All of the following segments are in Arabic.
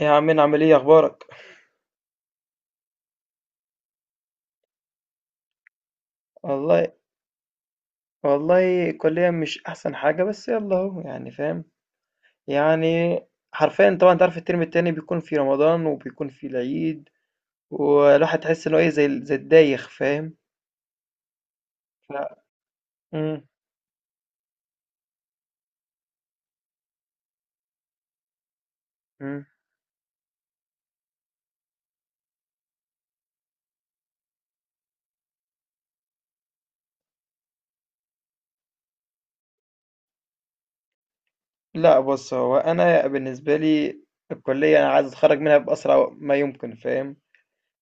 إيه يا عم، عامل ايه اخبارك؟ والله. والله كليا مش احسن حاجه بس يلا اهو، يعني فاهم يعني. حرفيا طبعا انت عارف الترم التاني بيكون في رمضان وبيكون في العيد، والواحد تحس انه ايه زي الدايخ فاهم. ف... مم. مم. لا بص، هو انا بالنسبه لي الكليه، انا عايز اتخرج منها باسرع ما يمكن فاهم،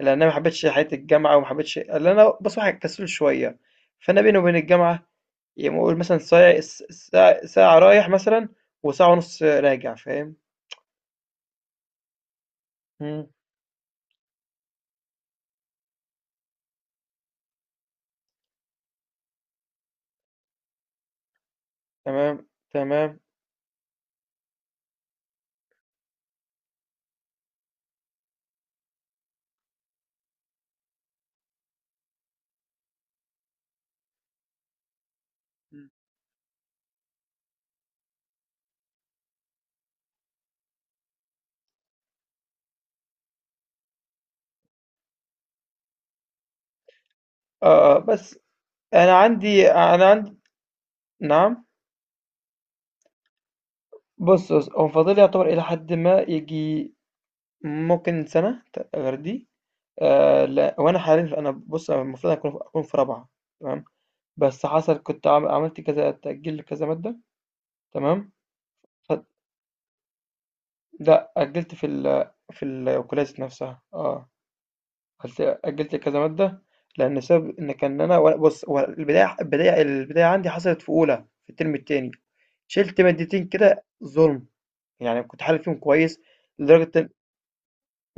لان انا ما حبيتش حياه الجامعه وما حبيتش، لان انا بص واحد كسول شويه، فانا بيني وبين الجامعه، يعني قول مثلًا ساع س ساع ساعة رايح مثلًا، وساعة ونُص راجع، فاهم؟ إمم، تمام، تمام، إمم. آه، آه، بس أنا عندي. نعم؟ بُص، هو فاضل لي يعتبر إلى حدٍ ما ييجي ممكن سَنة ت غير دي، لأ، هو أنا حاليًا أنا بُص، أنا المفروض أكون في رابعة. تمام، بس حصل كنت عملت كذا تأجيل لكذا مادة. تمام، ف لأ أجّلت في الكلية ذات نفسها، آه. قلت أجلت كذا مادة، لأن السبب إن كان بُص، هو البداية عندي حصلت في أولى في الترم التاني، شِلت مادتين كده ظلم، يعني كنت حالل فيهم كويس لدرجة إن،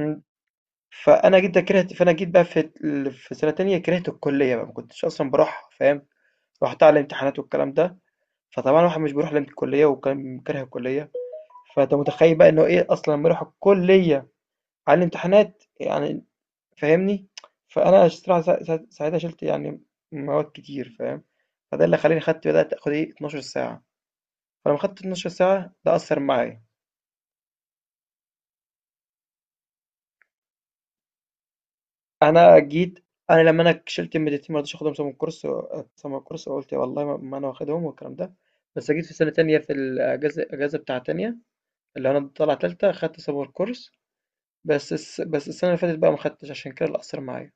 إمم، فأنا جيت بقى في سنة تانية كرهت الكلية بقى، ما كنتش أصلًا باروحها فاهم. رُحتها على الامتحانات والكلام ده، فطبعًا الواحد مش بيروح للكلية وكان كاره الكلية، فأنت متخيل بقى إن هو إيه أصلًا لمّا يروح الكلية على الامتحانات، يعني فاهمني؟ فأنا الصراحة سا سا ساعتها شِلت يعني مواد كتير فاهم؟ فده اللي خلّاني بدأت آخُد إيه، 12 ساعة، فلمّا خدت 12 ساعة ده أثّر معايا. أنا جيت أنا لمّا أنا ك شِلت المادتين ما رضيتش آخُدهم سَمَا الكورس، سَمَا الكورس، وقُلت والله ما أنا واخدهم والكلام ده، بس جيت في سَنة تانية في الأجازة بتاع تانية اللي أنا طالع تالتة خدت سَمَا الكورس، بس السَنة اللي فاتت بقى ما خدتش عشان كده اللي أثّر معايا.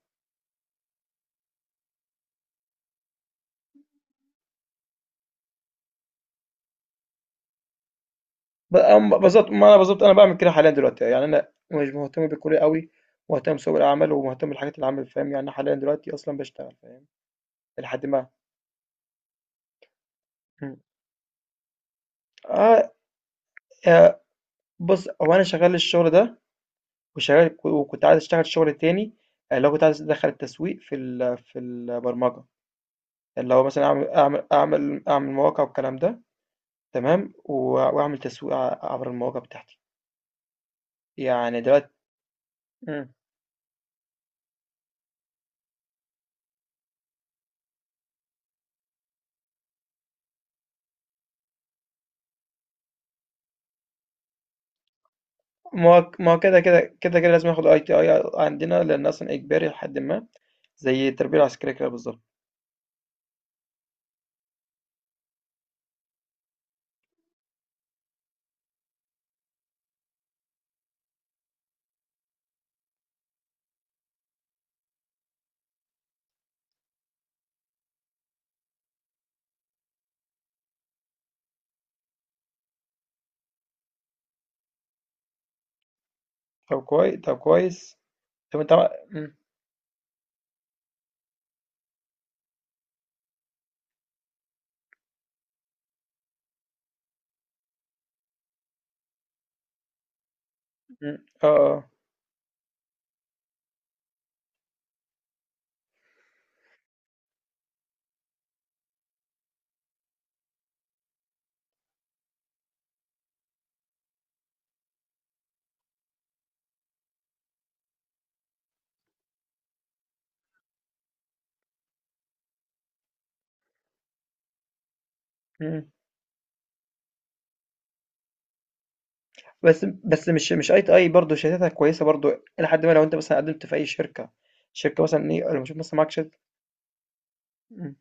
بالظبط، ما انا بالظبط انا بعمل كده حاليا دلوقتي، يعني انا مش مهتم بالكليه قوي، مهتم بسوق العمل ومهتم بالحاجات اللي عامل فاهم، يعني أنا حاليا دلوقتي اصلا بشتغل فاهم لحد ما. مم. اه آه، بص هو انا شغال الشغل ده وشغال، وكنت عايز اشتغل شغل تاني، آه، اللي هو كنت عايز ادخل التسويق في البرمجه، اللي هو مثلا اعمل مواقع والكلام ده، تمام، واعمل تسويق عبر المواقع بتاعتي، يعني دلوقتي. ما هو ما هو كده لازم اخد اي تي اي عندنا لان اصلا اجباري لحد ما، زي التربيه العسكريه كده بالظبط. طب كويس. مم. مم. اه اه. مم. بس بس مش مش اي تي اي برضه شهادتها كويسه برضه لحد ما، لو انت مثلا قدمت في اي شركه، شركه مثلا ايه لما تشوف مثلا معاك شهاده. مم.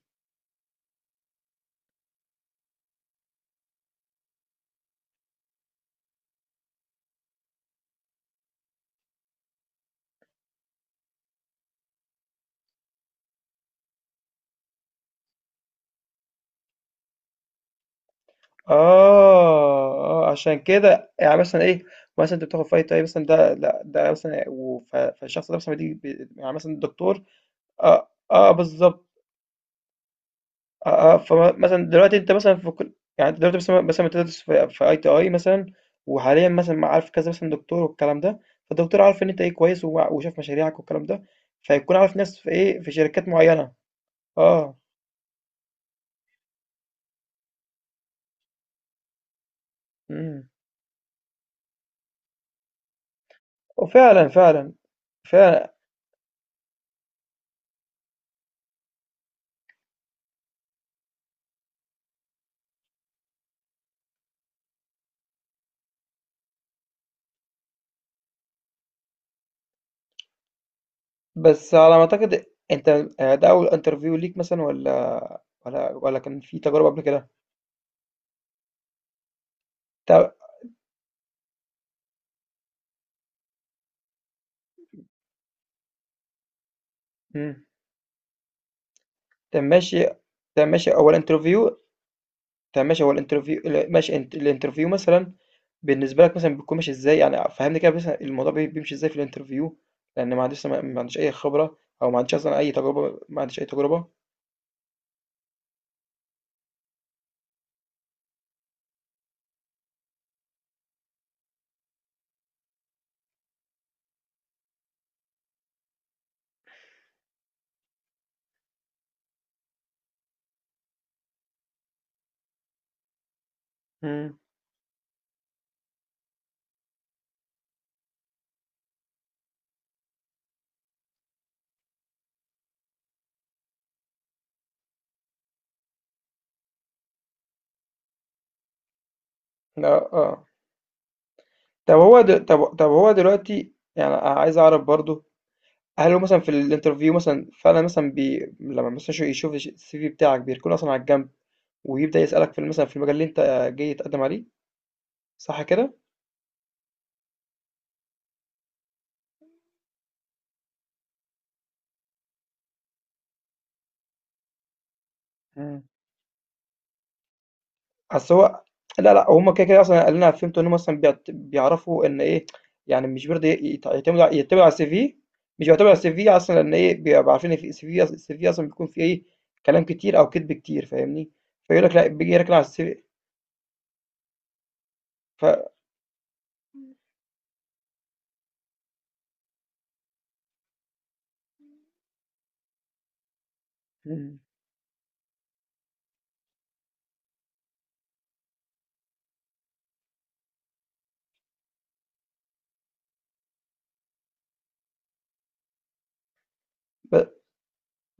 اه اه، عشان كده يعني مثلا ايه، مثلا انت بتاخد في اي تي اي مثلا ده، لا ده مثلا فالشخص ده مثلا يعني مثلا الدكتور. اه اه بالظبط. آه، آه، فمثلا دلوقتي أنت مثلا في كل، يعني أنت دلوقتي مثلا بتدرس في أي تي أي مثلا، وحاليا مثلا عارف كذا مثلا دكتور والكلام ده، فالدكتور عارف إن أنت إيه كويس وشاف مشاريعك والكلام ده، فيكون عارف ناس في إيه، في شركات معينة. أه. امم. وفعلا فعلا فعلا. بس على ما أعتقد أنت، آه، ده أول انترفيو ليك مثلا ولا كان في تجربة قبل كده؟ طب. مم. طب ماشي طب ماشي أول انترفيو. طب ماشي، هو ماشي، انت الانترفيو مثلا بالنسبة لك مثلا بيكون ماشي ازاي، يعني فهمني كده مثلا الموضوع بيمشي ازاي في الانترفيو، لأن ما عنديش ما ما عنديش أي خبرة، أو ما عنديش أصلا أي تجربة، ما عنديش أي تجربة. امم. لا اه. طب طب هو دلوقتي يعني عايز أعرف برضو، هل هو مثلا في الانترفيو مثلا فعلا مثلا لما مثلا يشوف السي في بتاعك بيكون أصلا على الجنب، ويبدأ يسألك في مثلا في المجال اللي أنت جاي تقدم عليه، صح كده؟ أصل هو لا، لأ، هُم كده، كده أصلًا اللي أنا فهمته إن هُم أصلًا بيعرفوا إن إيه، يعني مش برضه يت يعتمدوا ع يعتمدوا على الCV، مش بيعتمدوا على الCV أصلًا إن إيه، بيبقوا عارفين إن في CV، الCV أصلًا بيكون فيه إيه، كلام كتير أو كدب كتير فاهمني، فيقول لك لأ، بييجي يركن على الCV ف إمم. ب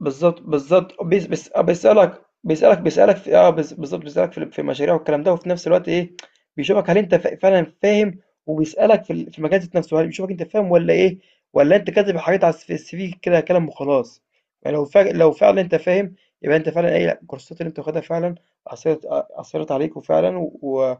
بالضبط، بالضبط، بيس بيس آه، بيسألك في آه، بالضبط، بيسألك في المشاريع والكلام ده، وفي نفس الوقت إيه، بيشوفك هل أنت فعلًا فاهم، وبيسألك في المجال ذات نفسه، هل بيشوفك أنت فاهم والّا إيه، والّا أنت كاتب حاجات على الس في الCV كده كلام وخلاص، يعني لو فعلًا أنت فاهم، يبقى أنت فعلًا إيه، لا، الكورسات اللي أنت واخدها فعلًا أثرت أثرت عليك وفعلًا و،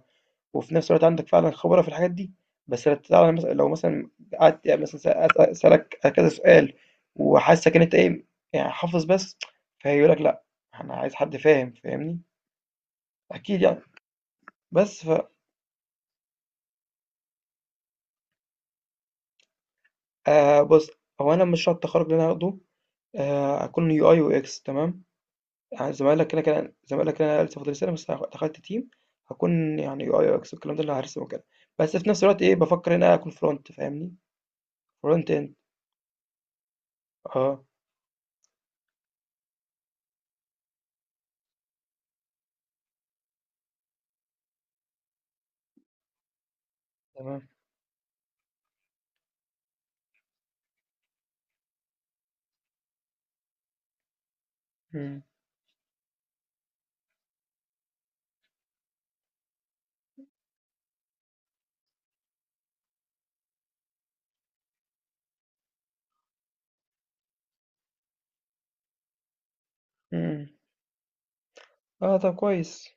وفي نفس الوقت عندك فعلًا خبرة في الحاجات دي، بس لو تعرف مثلًا لو مثلًا قعدت يعني مثلًا س أس أسألك كذا سؤال، وحاسسك إن أنت إيه، يعني حافظ بس، فهيقول لك لأ، أنا عايز حد فاهم، فاهمني؟ أكيد يعني، بس ف بُص، هو أنا مشروع التخرُّج اللي أنا هاخده هاكون UI وX تمام؟ يعني زمايلك كده، كده زمايلك كده، أنا لسه فاضل لي سنة بس دخلت team، هاكون يعني UI وX والكلام ده اللي هارسم وكده، بس في نفس الوقت إيه، بافكّر إن أنا أكون front فاهمني؟ front end، آه، تمام، إمم، إمم. آه، طب كويس.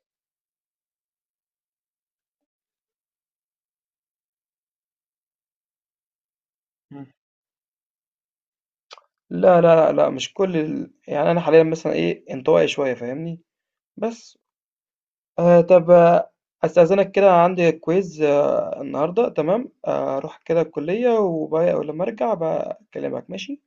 إمم. لا، لا، لأ، لأ، مش كل ال، يعني أنا حاليًا مثلًا إيه، انطوائي شوية فاهمني؟ بس. طب آه، أستأذنك كده عندي quiz، آه، النهارده تمام، أروح كده الكلية ولمّا أرجع هابقى أكلمك ماشي؟